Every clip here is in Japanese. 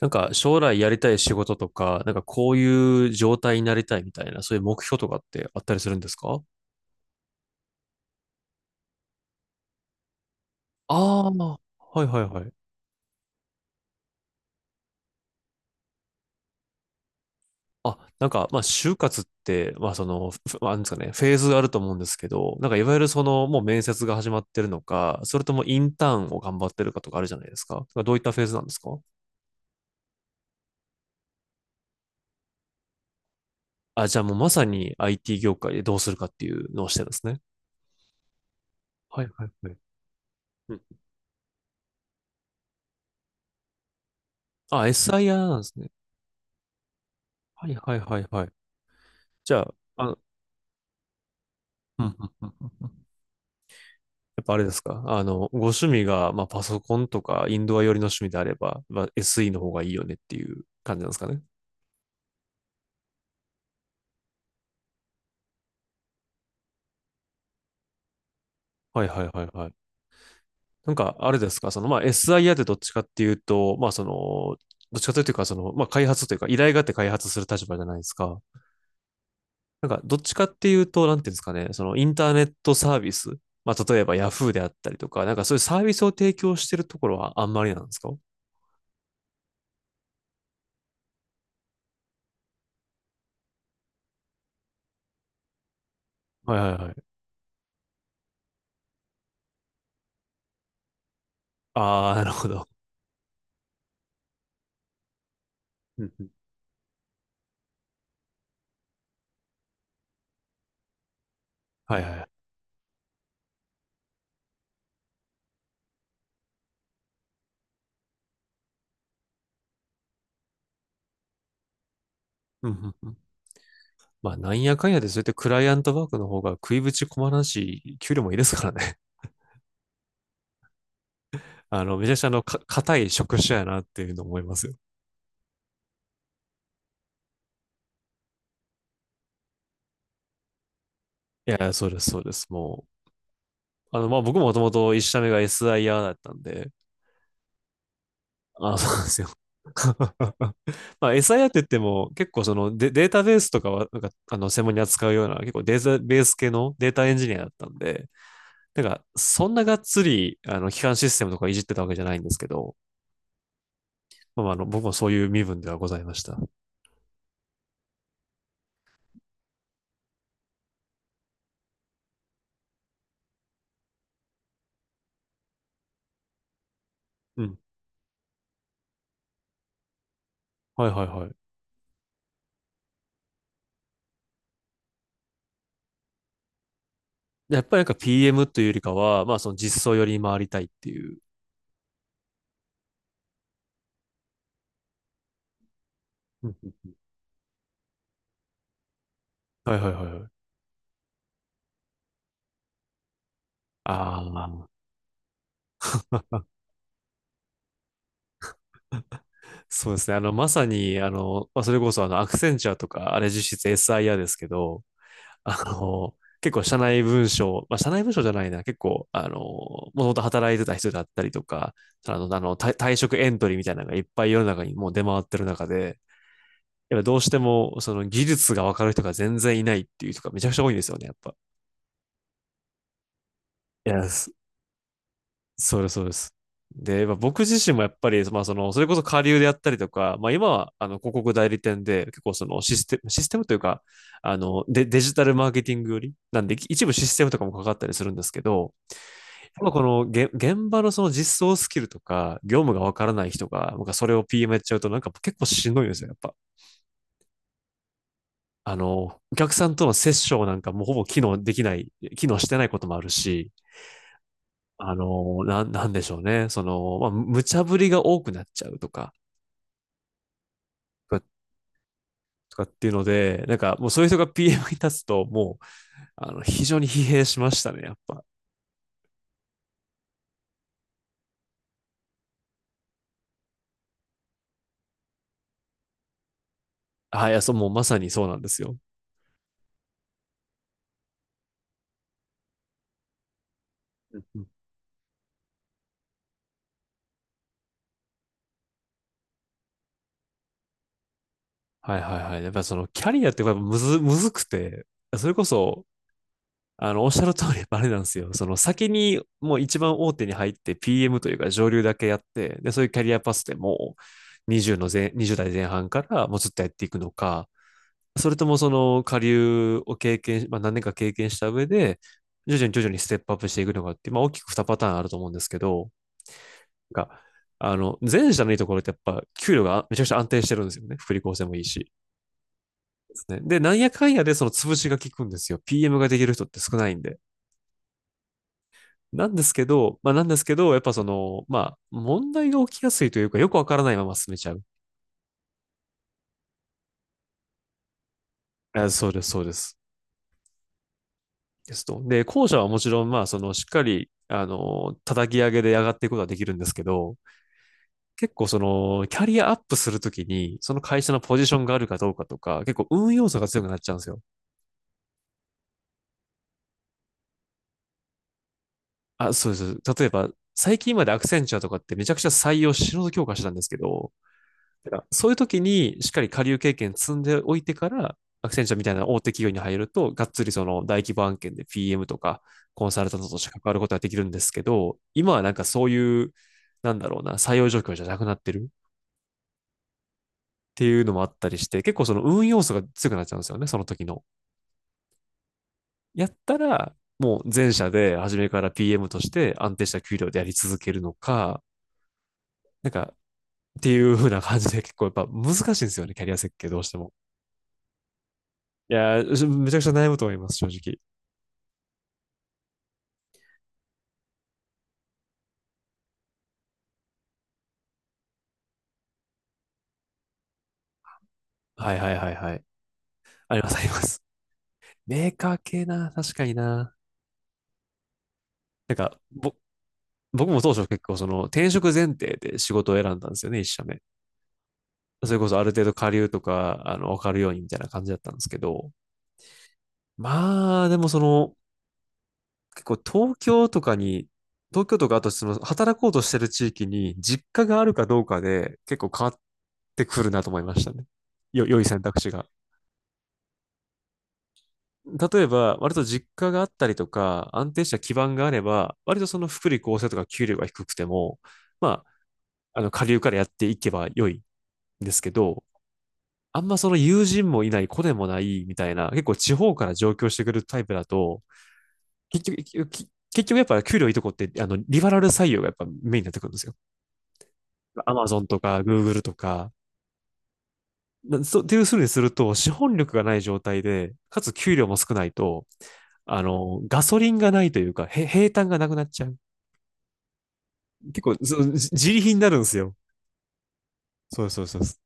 なんか将来やりたい仕事とか、なんかこういう状態になりたいみたいな、そういう目標とかってあったりするんですか？ああー、はいはいはい。あ、なんか、まあ、就活って、まあ、その、まあなんですかね、フェーズがあると思うんですけど、なんか、いわゆるもう面接が始まってるのか、それともインターンを頑張ってるかとかあるじゃないですか。なんかどういったフェーズなんですか？あ、じゃあもうまさに IT 業界でどうするかっていうのをしてるんですね。はいはいはい。うん。あ、SIR なんですね。はいはいはいはい。じゃあ、うんうんうんうん。やっぱあれですかご趣味が、まあ、パソコンとかインドア寄りの趣味であれば、まあ、SE の方がいいよねっていう感じなんですかね。はいはいはいはい。なんか、あれですかまあ、SIA ってどっちかっていうと、まあ、その、どっちかというか、まあ、開発というか、依頼があって開発する立場じゃないですか。なんか、どっちかっていうと、なんていうんですかね、インターネットサービス、まあ、例えば Yahoo であったりとか、なんかそういうサービスを提供してるところはあんまりなんですかは？いはいはい。ああ、なるほど。うんうんはいはい。うんうんうん。まあ、なんやかんやで、そうやってクライアントワークの方が食いぶち困らんし、給料もいいですからね。めちゃくちゃ硬い職種やなっていうの思いますよ。いや、そうです、そうです。もう、まあ、僕ももともと一社目が SIR だったんで、あ、そうなんですよ。まあ、SIR って言っても、結構そのデータベースとかは、なんか、専門に扱うような、結構データベース系のデータエンジニアだったんで、なんか、そんながっつり、基幹システムとかいじってたわけじゃないんですけど、まあ、僕もそういう身分ではございました。うん。はいはいはい。でやっぱりなんか PM というよりかは、まあその実装よりに回りたいっていう。うんうんはいはいはいはい。ああ、そうですね。まさに、まあ、それこそアクセンチャーとか、あれ実質 SIR ですけど、あの、結構社内文章、まあ、社内文章じゃないな、結構、もともと働いてた人だったりとか、退職エントリーみたいなのがいっぱい世の中にもう出回ってる中で、やっぱどうしても、その技術がわかる人が全然いないっていう人がめちゃくちゃ多いんですよね、やっぱ。いや、そうです、そうです。で、まあ、僕自身もやっぱり、まあ、それこそ下流であったりとか、まあ、今は、広告代理店で、結構そのシステム、システムというか、デジタルマーケティングより、なんで、一部システムとかもかかったりするんですけど、まあこの現場のその実装スキルとか、業務がわからない人が、なんかそれを PM やっちゃうと、なんか結構しんどいんですよ、やっぱ。お客さんとのセッションなんかもうほぼ機能できない、機能してないこともあるし、なんでしょうね。まあ、無茶ぶりが多くなっちゃうとか、とかとかっていうので、なんかもうそういう人が PM に立つと、もう、非常に疲弊しましたね、やっぱ。あ、いや、そう、もうまさにそうなんですよ。うん。はいはいはい。やっぱそのキャリアってやっぱむずくて、それこそ、おっしゃる通り、あれなんですよ。その先にもう一番大手に入って PM というか上流だけやって、で、そういうキャリアパスでもう20の前、20代前半からもうずっとやっていくのか、それともその下流を経験、まあ何年か経験した上で、徐々に徐々にステップアップしていくのかって、まあ大きく2パターンあると思うんですけど、が、前者のいいところってやっぱ給料がめちゃくちゃ安定してるんですよね。福利厚生もいいし。で、なんやかんやでその潰しが効くんですよ。PM ができる人って少ないんで。なんですけど、やっぱまあ問題が起きやすいというか、よくわからないまま進めちゃう。あ、そうです、そうです。ですと。で、後者はもちろん、まあしっかり、叩き上げで上がっていくことはできるんですけど、結構その、キャリアアップするときに、その会社のポジションがあるかどうかとか、結構運要素が強くなっちゃうんですよ。あ、そうです。例えば、最近までアクセンチュアとかってめちゃくちゃ採用、死ぬほど強化してたんですけど、だからそういう時にしっかり下流経験積んでおいてから、アクセンチャーみたいな大手企業に入ると、がっつりその大規模案件で PM とかコンサルタントとして関わることができるんですけど、今はなんかそういう、なんだろうな、採用状況じゃなくなってるっていうのもあったりして、結構その運要素が強くなっちゃうんですよね、その時の。やったら、もう前者で初めから PM として安定した給料でやり続けるのか、なんかっていう風な感じで結構やっぱ難しいんですよね、キャリア設計どうしても。いやー、めちゃくちゃ悩むと思います、正直。はいはいはいはい。ありますあります。メーカー系な、確かにな。なんか、僕も当初結構転職前提で仕事を選んだんですよね、一社目。それこそある程度下流とか、わかるようにみたいな感じだったんですけど。まあ、でも結構東京とかに、東京とかあとその働こうとしてる地域に実家があるかどうかで結構変わってくるなと思いましたね。良い選択肢が。例えば、割と実家があったりとか、安定した基盤があれば、割と福利厚生とか給料が低くても、まあ、下流からやっていけば良いんですけど、あんまその友人もいない、子でもないみたいな、結構地方から上京してくるタイプだと、結局やっぱ給料いいとこって、リファラル採用がやっぱメインになってくるんですよ。アマゾンとか、グーグルとか、なそう、っていうふうにすると、資本力がない状態で、かつ給料も少ないと、ガソリンがないというか、平坦がなくなっちゃう。結構、そう、自利品になるんですよ。そうそうそうそう。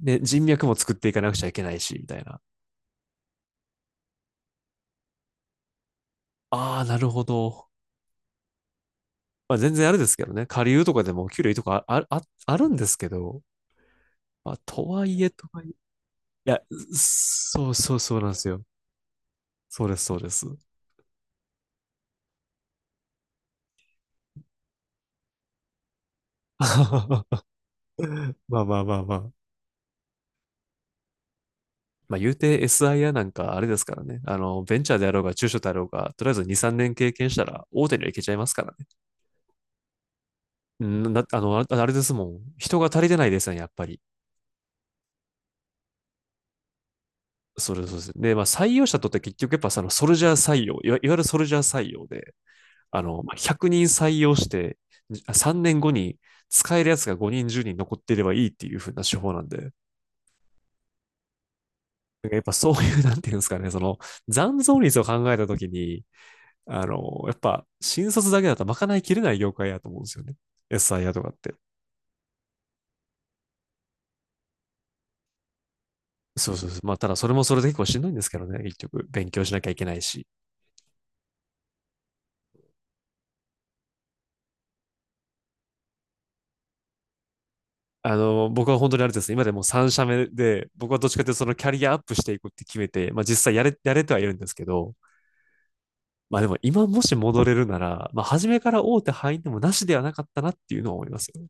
で、人脈も作っていかなくちゃいけないし、みたいな。ああ、なるほど。まあ、全然あれですけどね。下流とかでも給料いいとかあるんですけど、まあ、とはいえ、とはいえ。いや、そうそうそうなんですよ。そうです、そうです。まあまあまあまあ。まあ言うて SIR なんかあれですからね。ベンチャーであろうが中小であろうが、とりあえず2、3年経験したら大手にはいけちゃいますからね。んな、あの、あれですもん。人が足りてないですね、やっぱり。それそうです。で、まあ採用者とって結局やっぱそのソルジャー採用、いわゆるソルジャー採用で、まあ100人採用して、3年後に使えるやつが5人、10人残っていればいいっていう風な手法なんで。やっぱそういう、なんていうんですかね、その残存率を考えたときに、やっぱ、新卒だけだとまかないきれない業界やと思うんですよね。SIR とかって。そうそうそう。まあ、ただそれもそれで結構しんどいんですけどね、結局。勉強しなきゃいけないし。僕は本当にあれですね、今でも3社目で、僕はどっちかというとそのキャリアアップしていくって決めて、まあ実際やれてはいるんですけど、まあでも今もし戻れるなら、まあ初めから大手入ってもなしではなかったなっていうのは思いますよね。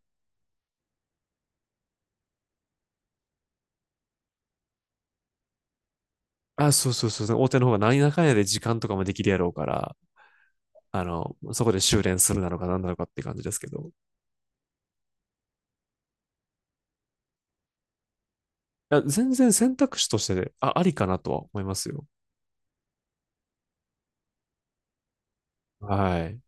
あ、そうそうそう。大手の方が何やかんやで時間とかもできるやろうから、そこで修練するなのか何なのかって感じですけど。いや、全然選択肢として、ありかなとは思いますよ。はい。